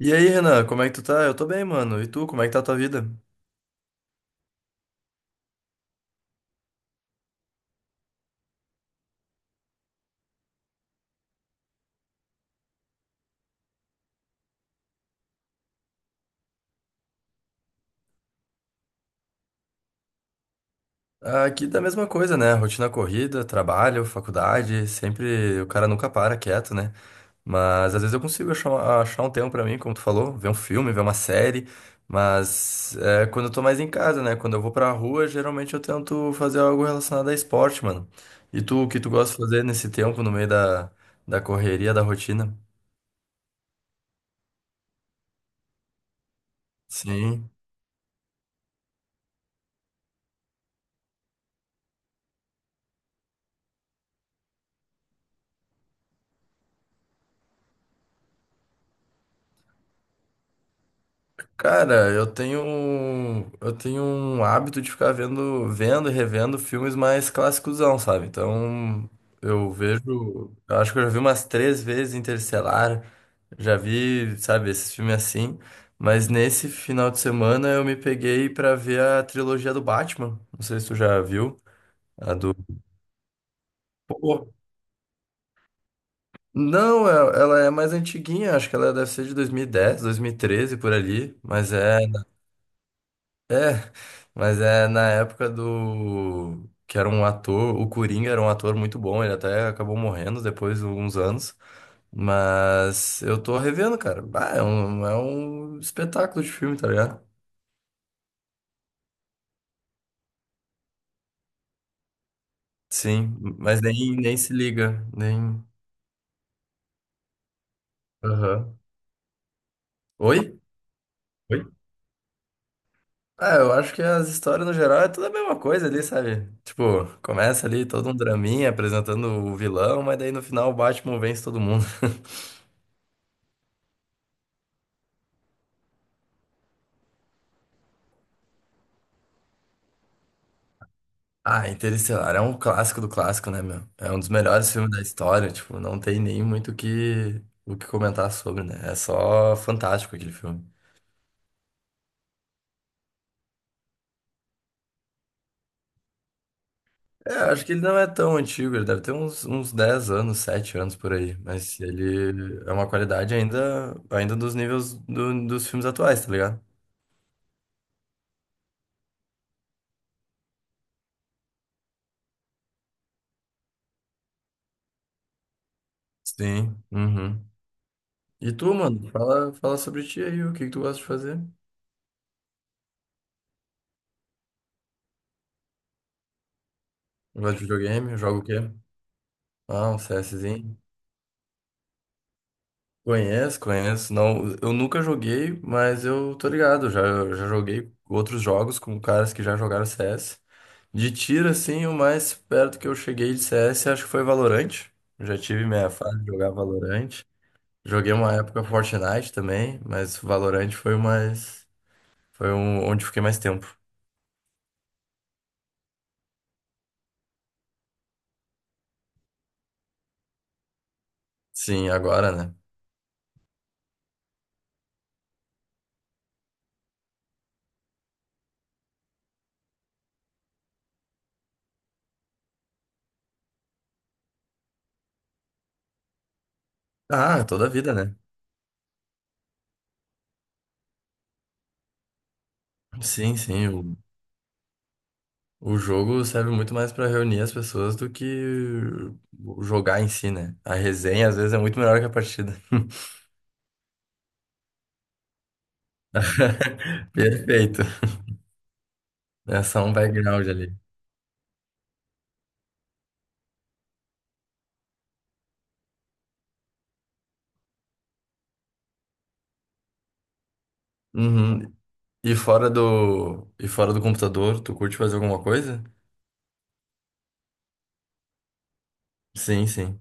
E aí, Renan, como é que tu tá? Eu tô bem, mano. E tu, como é que tá a tua vida? Aqui da mesma coisa, né? Rotina corrida, trabalho, faculdade, sempre o cara nunca para quieto, né? Mas às vezes eu consigo achar um tempo pra mim, como tu falou, ver um filme, ver uma série. Mas é, quando eu tô mais em casa, né? Quando eu vou pra rua, geralmente eu tento fazer algo relacionado a esporte, mano. E tu, o que tu gosta de fazer nesse tempo, no meio da correria, da rotina? Sim. Cara, eu tenho um hábito de ficar vendo, vendo e revendo filmes mais clássicosão, sabe? Então, eu vejo, eu acho que eu já vi umas 3 vezes Interestelar, já vi, sabe, esses filmes assim, mas nesse final de semana eu me peguei pra ver a trilogia do Batman. Não sei se tu já viu, a do. Pô, não, ela é mais antiguinha, acho que ela deve ser de 2010, 2013 por ali, mas é. Mas é na época do. Que era um ator, o Coringa era um ator muito bom, ele até acabou morrendo depois de uns anos. Mas eu tô revendo, cara. Bah, é um espetáculo de filme, tá ligado? Sim, mas nem, nem se liga, nem. Aham. Oi? Oi? Ah, eu acho que as histórias no geral é tudo a mesma coisa ali, sabe? Tipo, começa ali todo um draminha apresentando o vilão, mas daí no final o Batman vence todo mundo. Ah, Interestelar é um clássico do clássico, né, meu? É um dos melhores filmes da história, tipo, não tem nem muito o que comentar sobre, né? É só fantástico aquele filme. É, acho que ele não é tão antigo, ele deve ter uns, uns 10 anos, 7 anos por aí, mas ele é uma qualidade ainda, ainda dos níveis do- dos filmes atuais, tá ligado? Sim, uhum. E tu, mano, fala, fala sobre ti aí, o que que tu gosta de fazer? Gosta de videogame? Joga o quê? Ah, um CSzinho? Conheço, conheço. Não, eu nunca joguei, mas eu tô ligado. Já, eu já joguei outros jogos com caras que já jogaram CS. De tiro, assim, o mais perto que eu cheguei de CS, acho que foi Valorant. Já tive minha fase de jogar Valorant. Joguei uma época Fortnite também, mas Valorant foi o mais. Foi um, onde fiquei mais tempo. Sim, agora, né? Ah, toda a vida, né? Sim, sim. O jogo serve muito mais pra reunir as pessoas do que jogar em si, né? A resenha às vezes é muito melhor que a partida. Perfeito. É só um background ali. Uhum. E fora do computador, tu curte fazer alguma coisa? Sim, sim.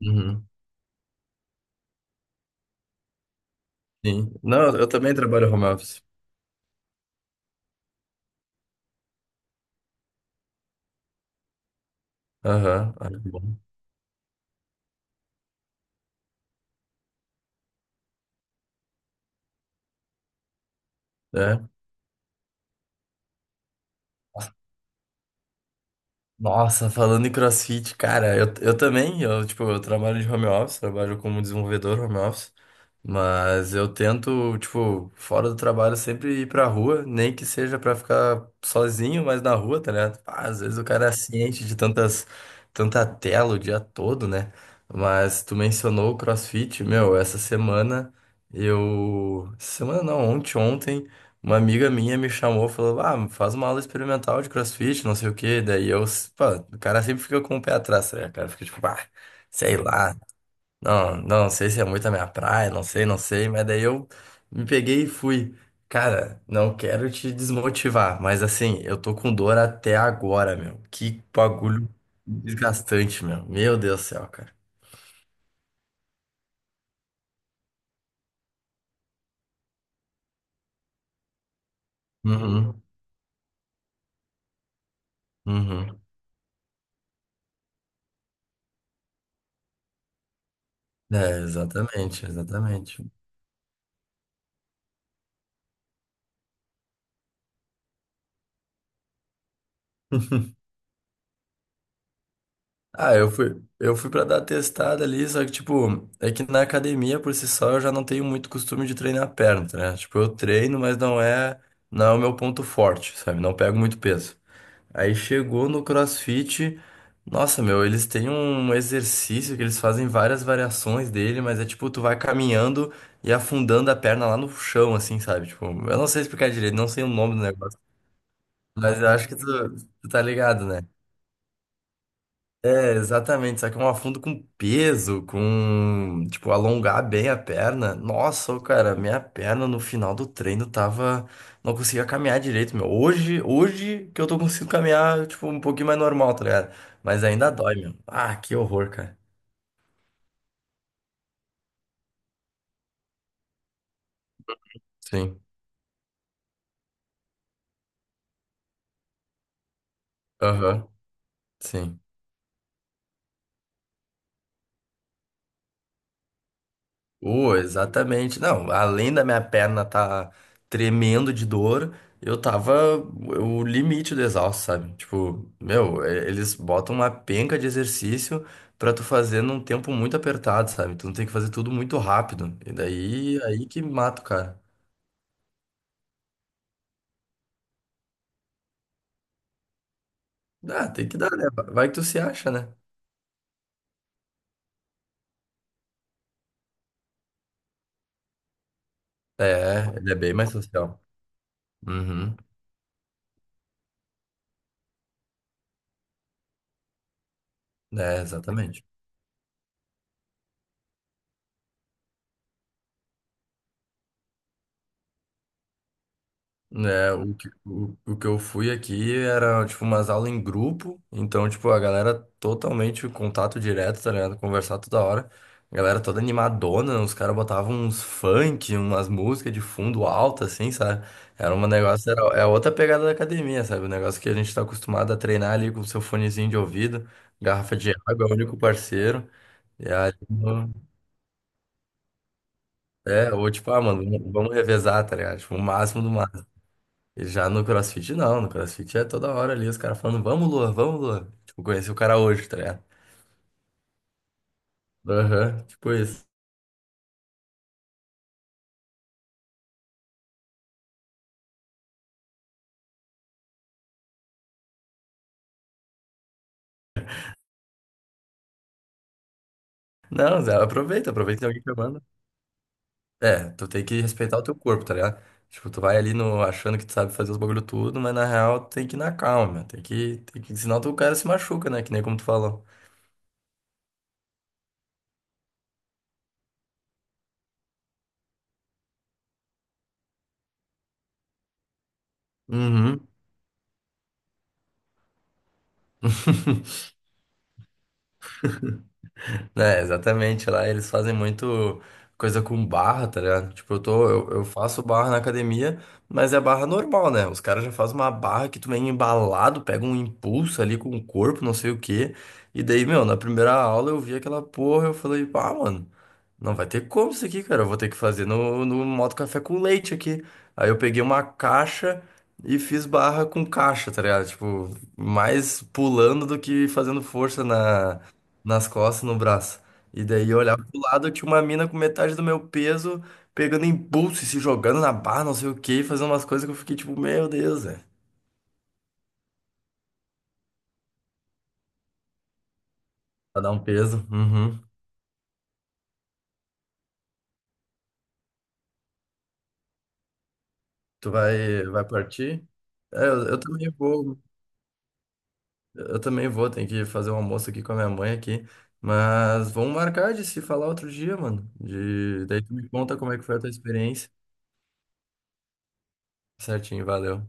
Uhum. Sim. Não, eu também trabalho home office. Aham, ah, que bom. É. Nossa, falando em CrossFit, cara, eu, tipo, eu trabalho de home office, trabalho como desenvolvedor home office. Mas eu tento, tipo, fora do trabalho, sempre ir pra rua, nem que seja pra ficar sozinho, mas na rua, tá ligado? Ah, às vezes o cara é ciente de tanta tela o dia todo, né? Mas tu mencionou o CrossFit, meu, essa semana eu. Essa semana não, ontem, uma amiga minha me chamou, falou, ah, faz uma aula experimental de CrossFit, não sei o quê. Daí eu, pô, o cara sempre fica com o pé atrás, né? O cara fica tipo, ah, sei lá. Não, não sei se é muito a minha praia, não sei, não sei, mas daí eu me peguei e fui. Cara, não quero te desmotivar, mas assim, eu tô com dor até agora, meu. Que bagulho desgastante, meu. Meu Deus do céu, cara. Uhum, uhum. É, exatamente, exatamente. Ah, eu fui pra dar testada ali, só que, tipo, é que na academia por si só eu já não tenho muito costume de treinar a perna, né? Tipo, eu treino, mas não é o meu ponto forte, sabe? Não pego muito peso. Aí chegou no CrossFit. Nossa, meu, eles têm um exercício que eles fazem várias variações dele, mas é tipo, tu vai caminhando e afundando a perna lá no chão, assim, sabe? Tipo, eu não sei explicar direito, não sei o nome do negócio, mas eu acho que tu, tu tá ligado, né? É, exatamente, só que é um afundo com peso, com, tipo, alongar bem a perna. Nossa, ô, cara, minha perna no final do treino tava, não conseguia caminhar direito, meu. Hoje que eu tô conseguindo caminhar, tipo, um pouquinho mais normal, tá ligado? Mas ainda dói, meu. Ah, que horror, cara. Sim. Aham. Sim. Oh, exatamente. Não, além da minha perna tá tremendo de dor, eu tava o limite do exausto, sabe? Tipo, meu, eles botam uma penca de exercício pra tu fazer num tempo muito apertado, sabe? Tu tem que fazer tudo muito rápido. E daí, aí que mata o cara. Ah, tem que dar, né? Vai que tu se acha, né? É, ele é bem mais social. Uhum. É, exatamente. É, o que eu fui aqui era, tipo, umas aulas em grupo, então, tipo, a galera totalmente em contato direto, tá ligado? Conversar toda hora. A galera toda animadona, os caras botavam uns funk, umas músicas de fundo alta, assim, sabe? Era um negócio, era, é outra pegada da academia, sabe? O negócio que a gente tá acostumado a treinar ali com o seu fonezinho de ouvido, garrafa de água, é o único parceiro. E aí, é, ou tipo, ah, mano, vamos revezar, tá ligado? Tipo, o máximo do. Já no CrossFit, não. No CrossFit é toda hora ali os caras falando, vamos, Lua, vamos, Lua. Tipo, conheci o cara hoje, tá ligado? Aham, tipo isso. Não, Zé, aproveita, aproveita que tem alguém chamando. É, tu tem que respeitar o teu corpo, tá ligado? Tipo, tu vai ali no, achando que tu sabe fazer os bagulho tudo, mas na real tu tem que ir na calma, tem que, senão tu, o cara se machuca, né? Que nem como tu falou. Uhum. É, exatamente, lá eles fazem muito coisa com barra, tá ligado? Tipo, eu faço barra na academia, mas é barra normal, né? Os caras já fazem uma barra que tu vem embalado, pega um impulso ali com o corpo, não sei o quê. E daí, meu, na primeira aula eu vi aquela porra, eu falei, pá, mano, não vai ter como isso aqui, cara. Eu vou ter que fazer no modo café com leite aqui. Aí eu peguei uma caixa e fiz barra com caixa, tá ligado? Tipo, mais pulando do que fazendo força nas costas, no braço. E daí eu olhava pro lado, tinha uma mina com metade do meu peso, pegando impulso e se jogando na barra, não sei o quê, e fazendo umas coisas que eu fiquei tipo, meu Deus, velho. Pra dar um peso. Uhum. Tu vai, vai partir? É, eu também vou. Eu também vou, tenho que fazer um almoço aqui com a minha mãe aqui. Mas vamos marcar de se falar outro dia, mano. De... Daí tu me conta como é que foi a tua experiência. Certinho, valeu.